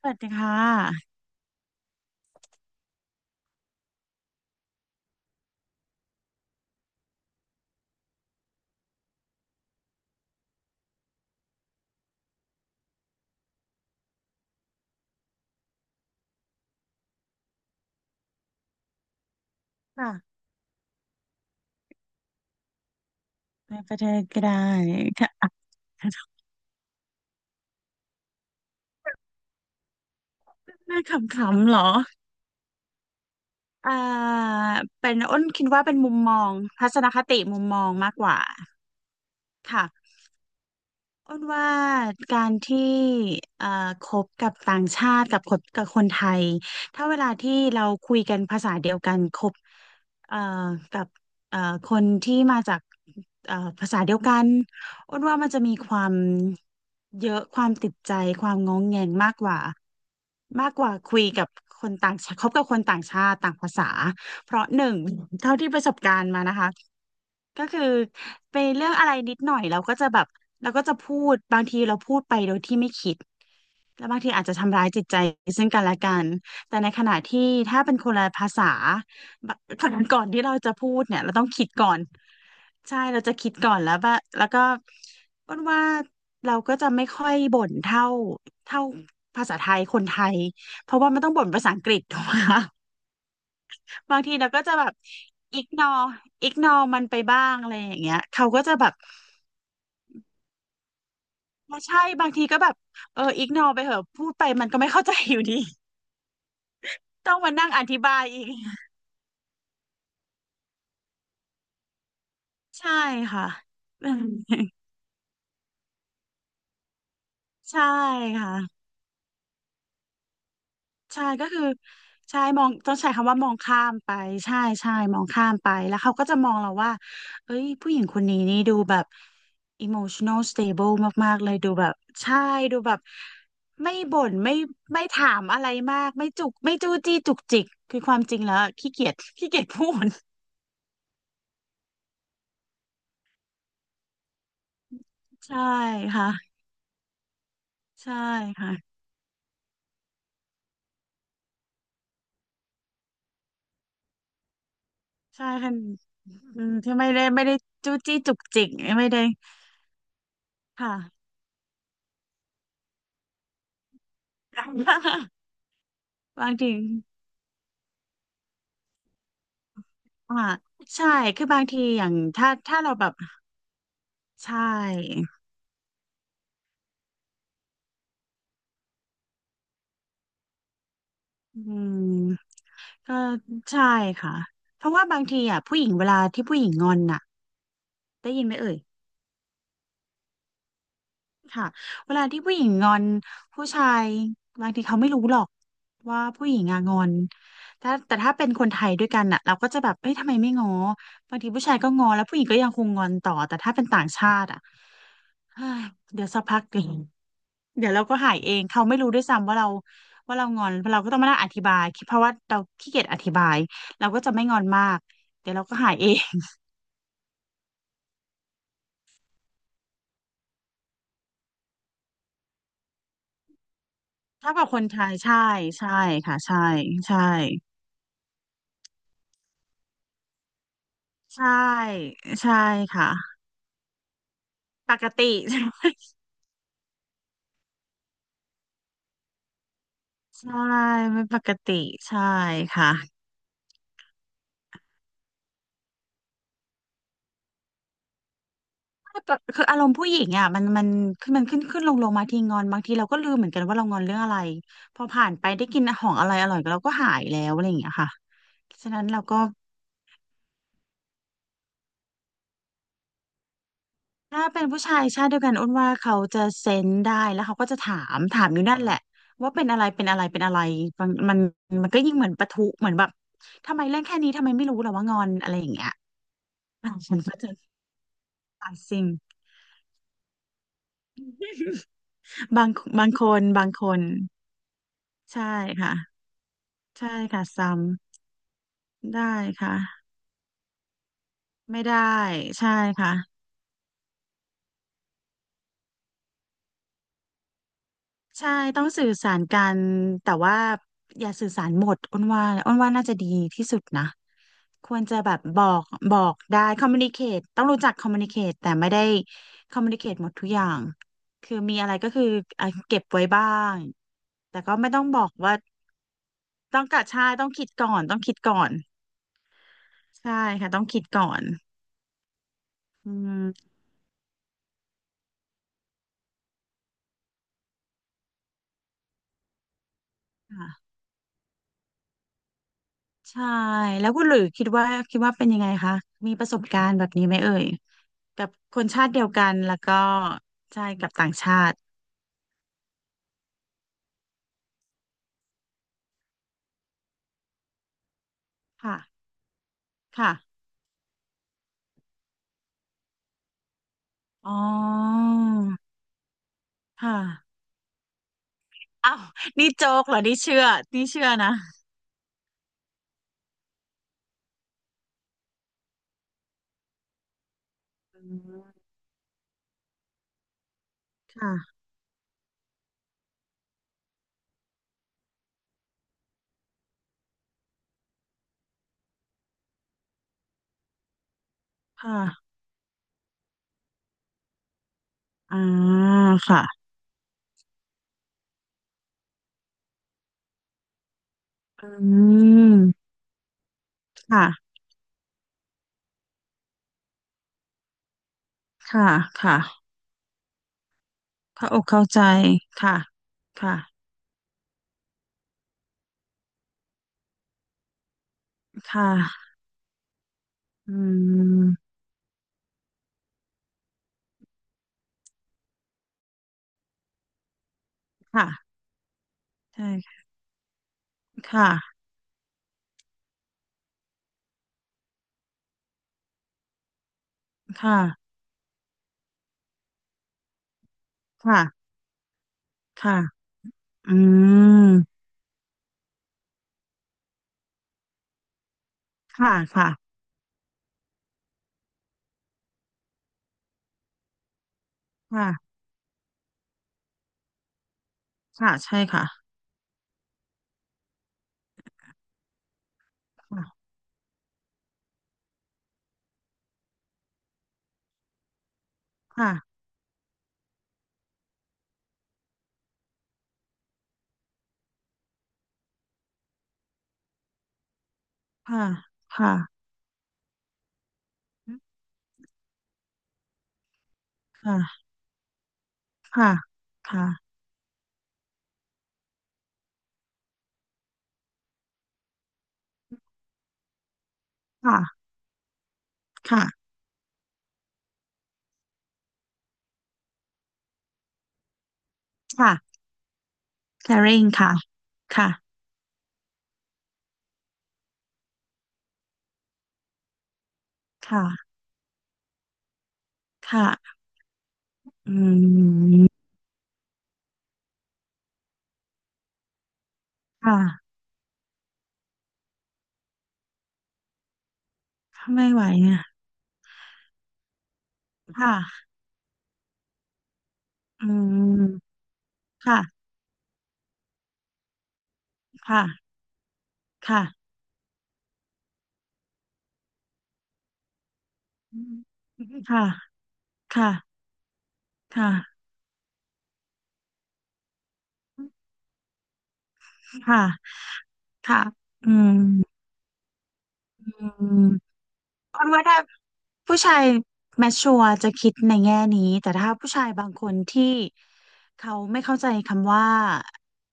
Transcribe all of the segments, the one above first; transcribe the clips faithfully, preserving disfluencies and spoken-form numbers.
สวัสดีค่ะค่ะไปประเทศก็ได้ค่ะอ่ะน่าขำๆเหรออ่าเป็นอ้นคิดว่าเป็นมุมมองทัศนคติมุมมองมากกว่าค่ะ อ้นว่าการที่เอ่อคบกับต่างชาติกับคนกับคนไทยถ้าเวลาที่เราคุยกันภาษาเดียวกันคบเอ่อกับเอ่อคนที่มาจากเอ่อภาษาเดียวกันอ้นว่ามันจะมีความเยอะความติดใจความงงแงงมากกว่ามากกว่าคุยกับคนต่างชาติคบกับคนต่างชาติต่างภาษาเพราะหนึ่งเท่าที่ประสบการณ์มานะคะ ก็คือไปเรื่องอะไรนิดหน่อยเราก็จะแบบเราก็จะพูดบางทีเราพูดไปโดยที่ไม่คิดแล้วบางทีอาจจะทำร้ายจิตใจซึ่งกันและกันแต่ในขณะที่ถ้าเป็นคนละภาษาบะก่อนก่อนที่เราจะพูดเนี่ยเราต้องคิดก่อนใช่เราจะคิดก่อนแล้วว่าแล้วก็อ้วนว่าเราก็จะไม่ค่อยบ่นเท่าเท่าภาษาไทยคนไทยเพราะว่ามันต้องบ่นภาษาอังกฤษถูกไหมคะ บางทีเราก็จะแบบอิกนออิกนอมันไปบ้างอะไรอย่างเงี้ยเขาก็จะแบบอ๋อใช่บางทีก็แบบเอออิกนอไปเหอะพูดไปมันก็ไม่เข้าใจอยู่ดีต้องมานั่งอธิบายอีกใช่ค่ะ ใช่ค่ะ ใช่ก็คือใช่มองต้องใช้คำว่ามองข้ามไปใช่ใช่มองข้ามไปแล้วเขาก็จะมองเราว่าเอ้ยผู้หญิงคนนี้นี่ดูแบบ emotional stable มากๆเลยดูแบบใช่ดูแบบไม่บ่นไม่ไม่ถามอะไรมากไม่จุกไม่จู้จี้จุกจิกคือความจริงแล้วขี้เกียจขี้เกียจพูดใช่ค่ะใช่ค่ะใช่ค่ะอืมที่ไม่ได้ไม่ได้จู้จี้จุกจิกไม่ได้ค่ะ บางที อ่าใช่คือบางทีอย่างถ้าถ้าเราแบบใช่อืมก็ใช่ค่ะเพราะว่าบางทีอ่ะผู้หญิงเวลาที่ผู้หญิงงอนน่ะได้ยินไหมเอ่ยค่ะเวลาที่ผู้หญิงงอนผู้ชายบางทีเขาไม่รู้หรอกว่าผู้หญิงอะงอนแต่แต่ถ้าเป็นคนไทยด้วยกันน่ะเราก็จะแบบเอ้ยทำไมไม่ง้อบางทีผู้ชายก็งอแล้วผู้หญิงก็ยังคงงอนต่อแต่ถ้าเป็นต่างชาติอ่ะเฮ้ยเดี๋ยวสักพัก เอง เดี๋ยวเราก็หายเองเขาไม่รู้ด้วยซ้ำว่าเราว่าเรางอนเราก็ต้องมานั่งอธิบายเพราะว่าเราขี้เกียจอธิบายเราก็จะไม่งอนมากเดี๋ยวเราก็หายเอง ถ้ากับคนไทยใช่ใช่ค่ะใช่ใช่ใช่ใช่ค่ะปกติ ใช่ใช่ไม่ปกติใช่ค่ะคืออารมณ์ผู้หญิงอ่ะมันมันขึ้นมันขึ้นขึ้นลงลงมาทีงอนบางทีเราก็ลืมเหมือนกันว่าเรางอนเรื่องอะไรพอผ่านไปได้กินของอร่อยอร่อยเราก็หายแล้วอะไรอย่างเงี้ยค่ะฉะนั้นเราก็ ถ้าเป็นผู้ชายชาติเดียวกันอ้นว่าเขาจะเซนส์ได้แล้วเขาก็จะถามถามอยู่นั่นแหละว่าเป็นอะไรเป็นอะไรเป็นอะไรมันมันมันก็ยิ่งเหมือนปะทุเหมือนแบบทำไมเล่นแค่นี้ทำไมไม่รู้เหรอว่างอนอะไรอย่างเงี้ยอ่ะฉันก็จะตัดสิ่ง บางบางคนบางคนใช่ค่ะใช่ค่ะซ้ำได้ค่ะไม่ได้ใช่ค่ะ ใช่ต้องสื่อสารกันแต่ว่าอย่าสื่อสารหมดอ้นว่าอ้นว่าน่าจะดีที่สุดนะควรจะแบบบอกบอกได้คอมมูนิเคตต้องรู้จักคอมมูนิเคตแต่ไม่ได้คอมมูนิเคตหมดทุกอย่างคือมีอะไรก็คืออ่ะเก็บไว้บ้างแต่ก็ไม่ต้องบอกว่าต้องกะใช่ต้องคิดก่อนต้องคิดก่อนใช่ค่ะต้องคิดก่อนอืมค่ะใช่แล้วคุณหลุยคิดว่าคิดว่าเป็นยังไงคะมีประสบการณ์แบบนี้ไหมเอ่ย แบบคนชาติเดียวกันแล้วก็ใช่กับต่างชาติค่ะค่ะอ๋อค่ะอ้าวนี่โจ๊กเหรอนี่เชื่อนี่เชื่อนะอืมค่ะค่ะอ่าค่ะอืมค่ะค่ะค่ะเข้าอกเข้าใจค่ะค่ะค่ะอืมค่ะใช่ค่ะค่ะค่ะค่ะอืมค่ะค่ะค่ะค่ะใช่ค่ะค่ะค่ะ ค่ะค่ะค่ะค่ะค่ะค่ะค่ะค่ะ caring ค่ะค่ะค่ะค่ะอืมค่ะไม่ไหวอ่ะค่ะอืมค่ะค่ะค่ะค่ะค่ะค่ะค่ะค่ะอืม คนว่าถ้าผู้ชายแมชชัวรจะคิดในแง่นี้แต่ถ้าผู้ชายบางคนที่เขาไม่เข้าใจคำว่า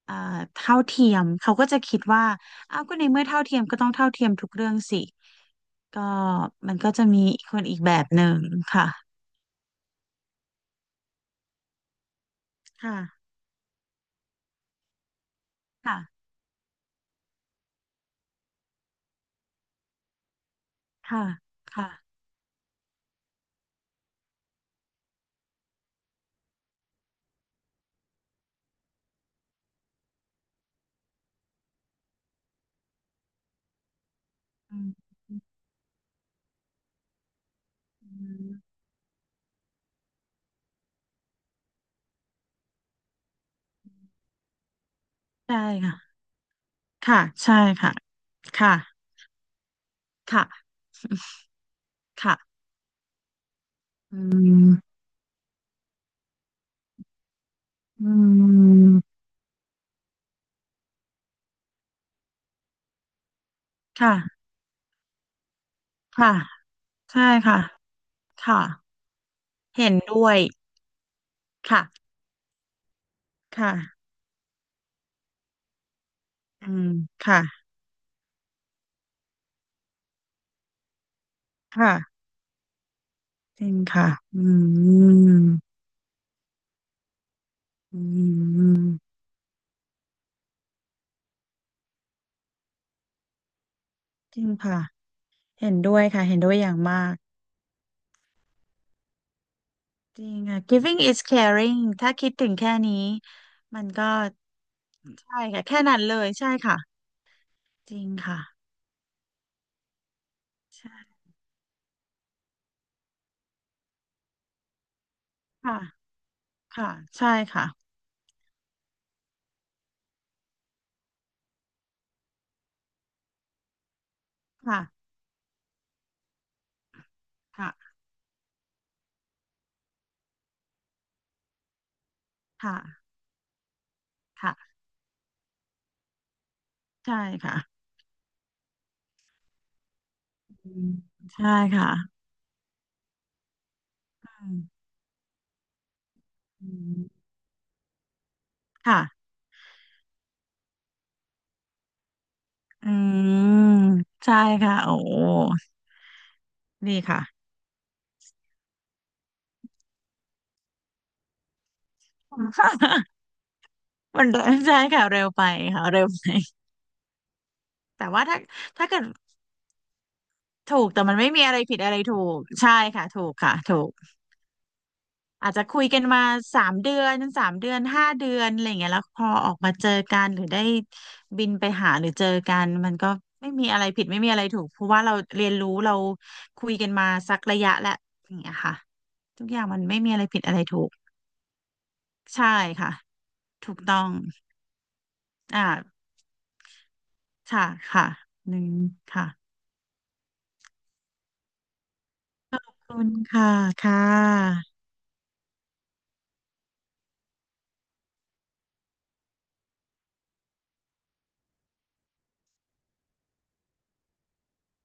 อ่าเท่าเทียมเขาก็จะคิดว่าอ้าวก็ในเมื่อเท่าเทียมก็ต้องเท่าเทียมทุกเรื่องสิก็มันก็จะมีอีกคนอีกแบบหนึ่งค่ะค่ะค่ะค่ะค่ะอืมอืมใช่ค่ะค่ะใช่ค่ะค่ะค่ะค่ะอืมอืมค่ะค่ะ ใช่ค่ะค่ะเห็นด้วยค่ะค่ะอืมค่ะค่ะจริงค่ะอืมอืมจริงค่ะเห็นด้วยค่ะเห็นด้วยอย่างมากจริงค่ะ giving is caring ถ้าคิดถึงแค่นี้มันก็ใช่ค่ะแค่นั้นเลยใช่ค่ะจริงค่ะใช่ค่ะค่ะใช่ค่ะค่ะค่ะค่ะค่ะใช่ค่ะอืมใช่ค่ะอืมอืมค่ะ อืมใช่ค่ะโอ้ดีค่ะ มันใช่ค่ะเร็วไปค่ะเร็วไปแต่ว่าถ้าถ้าเกิดถูกแต่มันไม่มีอะไรผิดอะไรถูกใช่ค่ะถูกค่ะถูกอาจจะคุยกันมาสามเดือนสามเดือนห้าเดือนอะไรอย่างเงี้ยแล้วพอออกมาเจอกันหรือได้บินไปหาหรือเจอกันมันก็ไม่มีอะไรผิดไม่มีอะไรถูกเพราะว่าเราเรียนรู้เราคุยกันมาสักระยะแล้วอย่างเงี้ยค่ะทุกอย่างมันไม่มีอะไรผิดอะไรถูกใช่ค่ะถูกต้อง อ่าค่ะค่ะ หนึ่งค่ะขอบคุณค่ะ ค่ะ